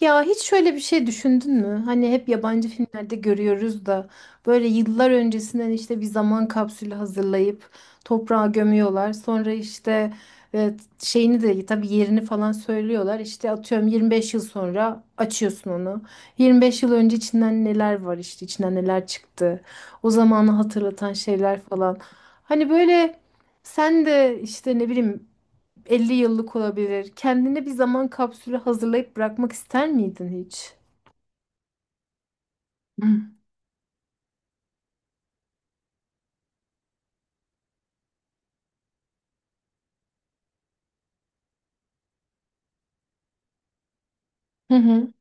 Ya hiç şöyle bir şey düşündün mü? Hani hep yabancı filmlerde görüyoruz da böyle yıllar öncesinden işte bir zaman kapsülü hazırlayıp toprağa gömüyorlar. Sonra işte şeyini de tabii yerini falan söylüyorlar. İşte atıyorum 25 yıl sonra açıyorsun onu. 25 yıl önce içinden neler var işte içinden neler çıktı. O zamanı hatırlatan şeyler falan. Hani böyle sen de işte ne bileyim 50 yıllık olabilir. Kendine bir zaman kapsülü hazırlayıp bırakmak ister miydin hiç? Hı hı.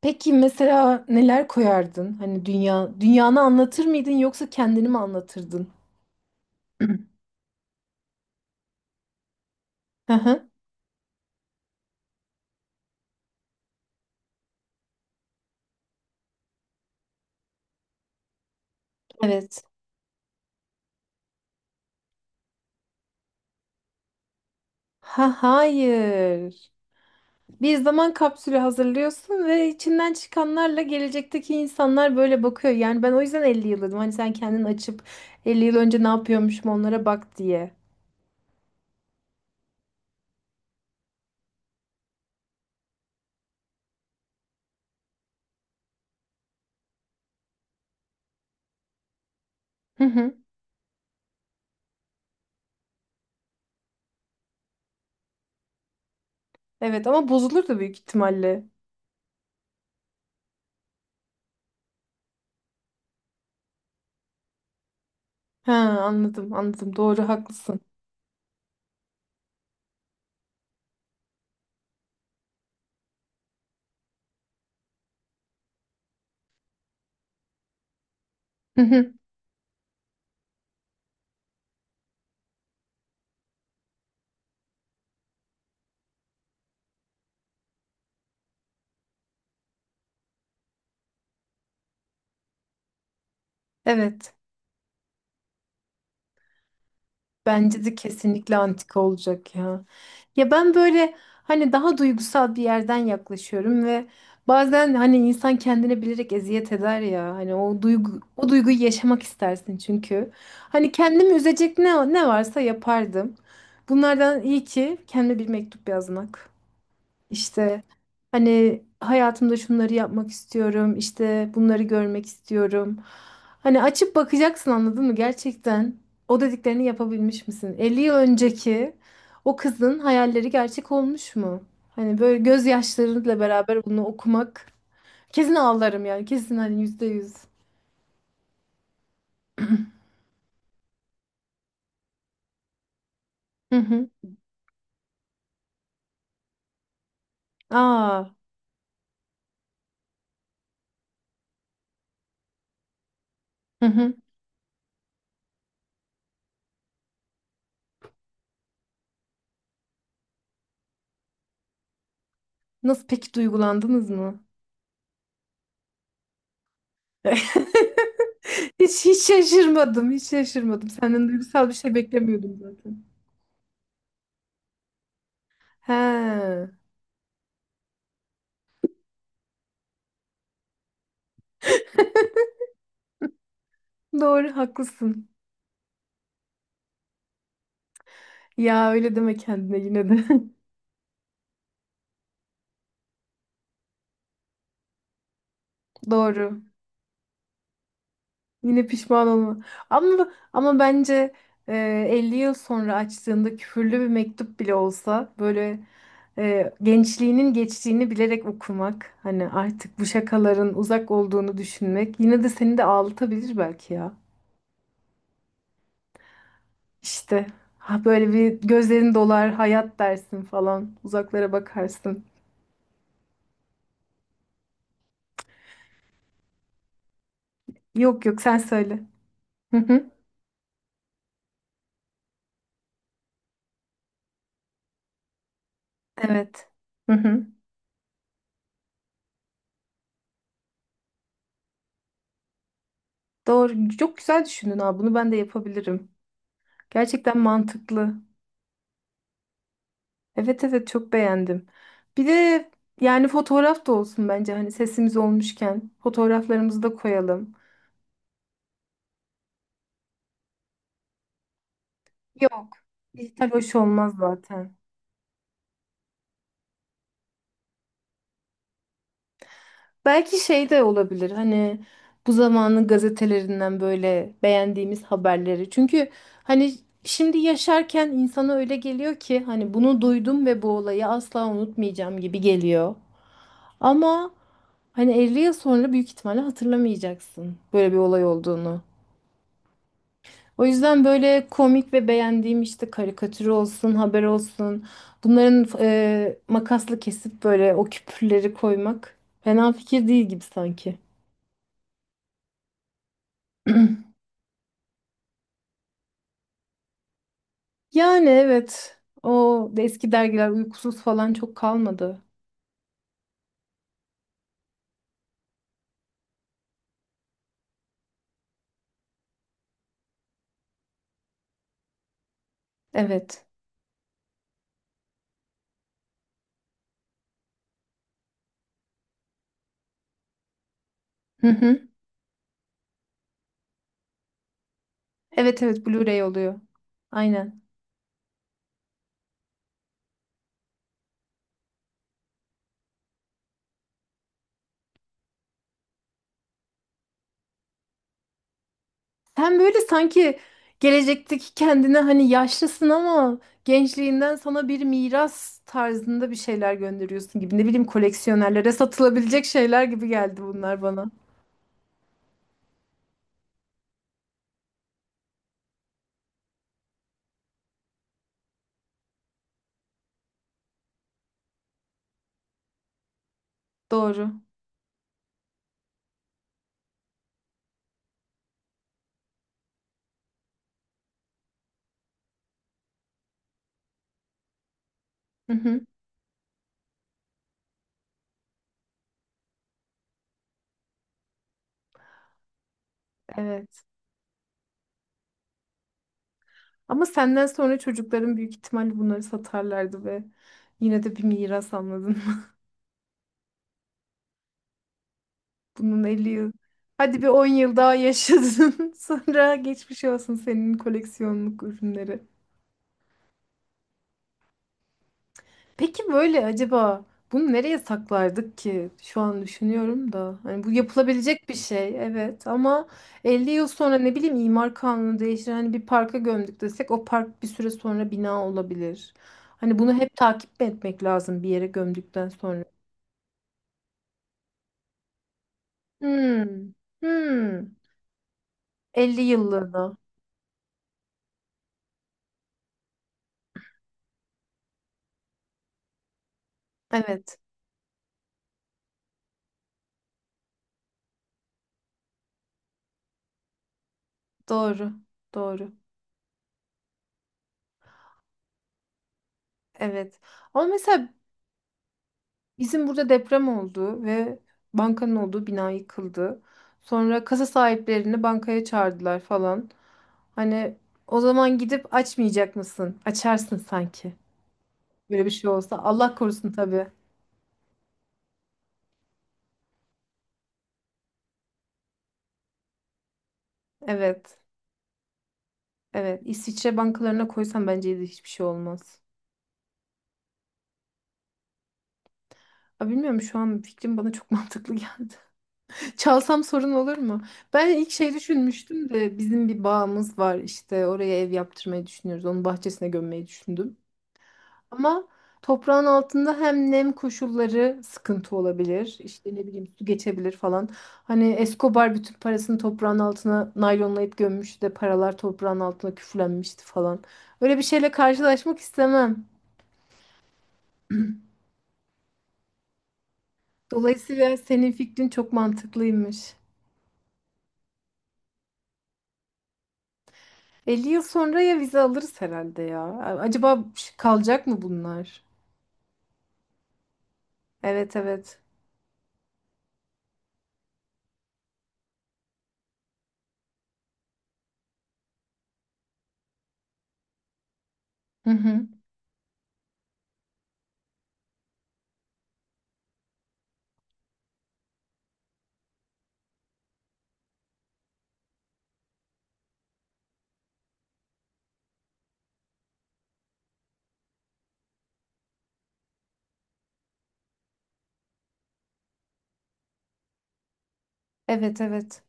Peki mesela neler koyardın? Hani dünya dünyanı anlatır mıydın yoksa kendini mi anlatırdın? Hı hı. Evet. Ha hayır. Bir zaman kapsülü hazırlıyorsun ve içinden çıkanlarla gelecekteki insanlar böyle bakıyor. Yani ben o yüzden 50 yıl dedim. Hani sen kendini açıp 50 yıl önce ne yapıyormuşum onlara bak diye. Hı hı. Evet, ama bozulurdu büyük ihtimalle. Ha, anladım, anladım. Doğru, haklısın. Hı hı. Evet, bence de kesinlikle antika olacak ya. Ya ben böyle hani daha duygusal bir yerden yaklaşıyorum ve bazen hani insan kendine bilerek eziyet eder ya. Hani o duygu, o duyguyu yaşamak istersin çünkü. Hani kendimi üzecek ne varsa yapardım. Bunlardan iyi ki kendime bir mektup yazmak. İşte hani hayatımda şunları yapmak istiyorum, işte bunları görmek istiyorum. Hani açıp bakacaksın, anladın mı? Gerçekten o dediklerini yapabilmiş misin? 50 yıl önceki o kızın hayalleri gerçek olmuş mu? Hani böyle gözyaşlarıyla beraber bunu okumak kesin ağlarım yani, kesin hani yüzde yüz. Hı hı. Aa. Hı hı. Nasıl peki, duygulandınız mı? Hiç hiç şaşırmadım, hiç şaşırmadım. Senden duygusal bir şey beklemiyordum zaten. He, doğru haklısın. Ya öyle deme kendine yine de. Doğru. Yine pişman olma. Ama bence 50 yıl sonra açtığında küfürlü bir mektup bile olsa böyle gençliğinin geçtiğini bilerek okumak, hani artık bu şakaların uzak olduğunu düşünmek yine de seni de ağlatabilir belki ya. İşte ha böyle bir gözlerin dolar, hayat dersin falan, uzaklara bakarsın. Yok yok, sen söyle. Evet. Hı hı. Doğru. Çok güzel düşündün abi. Bunu ben de yapabilirim. Gerçekten mantıklı. Evet evet, çok beğendim. Bir de yani fotoğraf da olsun bence, hani sesimiz olmuşken fotoğraflarımızı da koyalım. Yok. Dijital hoş olmaz zaten. Belki şey de olabilir, hani bu zamanın gazetelerinden böyle beğendiğimiz haberleri. Çünkü hani şimdi yaşarken insana öyle geliyor ki hani bunu duydum ve bu olayı asla unutmayacağım gibi geliyor. Ama hani 50 yıl sonra büyük ihtimalle hatırlamayacaksın böyle bir olay olduğunu. O yüzden böyle komik ve beğendiğim işte, karikatür olsun, haber olsun. Bunların makasla kesip böyle o küpürleri koymak fena fikir değil gibi sanki. Yani evet. O eski dergiler uykusuz falan çok kalmadı. Evet. Hı hı. Evet evet, Blu-ray oluyor. Aynen. Sen böyle sanki gelecekteki kendine, hani yaşlısın ama gençliğinden sana bir miras tarzında bir şeyler gönderiyorsun gibi. Ne bileyim, koleksiyonerlere satılabilecek şeyler gibi geldi bunlar bana. Doğru. Hı hı. Evet. Ama senden sonra çocukların büyük ihtimalle bunları satarlardı ve yine de bir miras, anladın. Bunun 50 yıl. Hadi bir 10 yıl daha yaşadın. Sonra geçmiş olsun senin koleksiyonluk ürünleri. Peki böyle acaba bunu nereye saklardık ki? Şu an düşünüyorum da. Hani bu yapılabilecek bir şey evet, ama 50 yıl sonra ne bileyim imar kanunu değişir. Hani bir parka gömdük desek o park bir süre sonra bina olabilir. Hani bunu hep takip etmek lazım bir yere gömdükten sonra. Hmm. Hmm. 50 yıllığına. Evet. Doğru. Doğru. Evet. Ama mesela bizim burada deprem oldu ve bankanın olduğu bina yıkıldı. Sonra kasa sahiplerini bankaya çağırdılar falan. Hani o zaman gidip açmayacak mısın? Açarsın sanki. Böyle bir şey olsa. Allah korusun tabii. Evet. Evet. İsviçre bankalarına koysam bence de hiçbir şey olmaz. Aa, bilmiyorum, şu an fikrim bana çok mantıklı geldi. Çalsam sorun olur mu? Ben ilk şey düşünmüştüm de, bizim bir bağımız var işte, oraya ev yaptırmayı düşünüyoruz. Onun bahçesine gömmeyi düşündüm. Ama toprağın altında hem nem koşulları sıkıntı olabilir. İşte ne bileyim, su geçebilir falan. Hani Escobar bütün parasını toprağın altına naylonlayıp gömmüştü de paralar toprağın altına küflenmişti falan. Öyle bir şeyle karşılaşmak istemem. Dolayısıyla senin fikrin çok mantıklıymış. 50 yıl sonra ya vize alırız herhalde ya. Acaba ş- kalacak mı bunlar? Evet evet. Hı hı. Evet evet.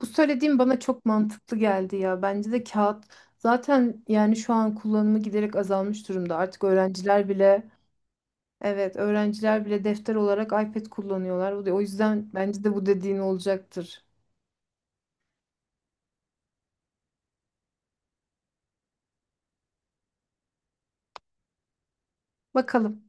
Bu söylediğim bana çok mantıklı geldi ya. Bence de kağıt zaten, yani şu an kullanımı giderek azalmış durumda. Artık öğrenciler bile, evet öğrenciler bile defter olarak iPad kullanıyorlar. O yüzden bence de bu dediğin olacaktır. Bakalım.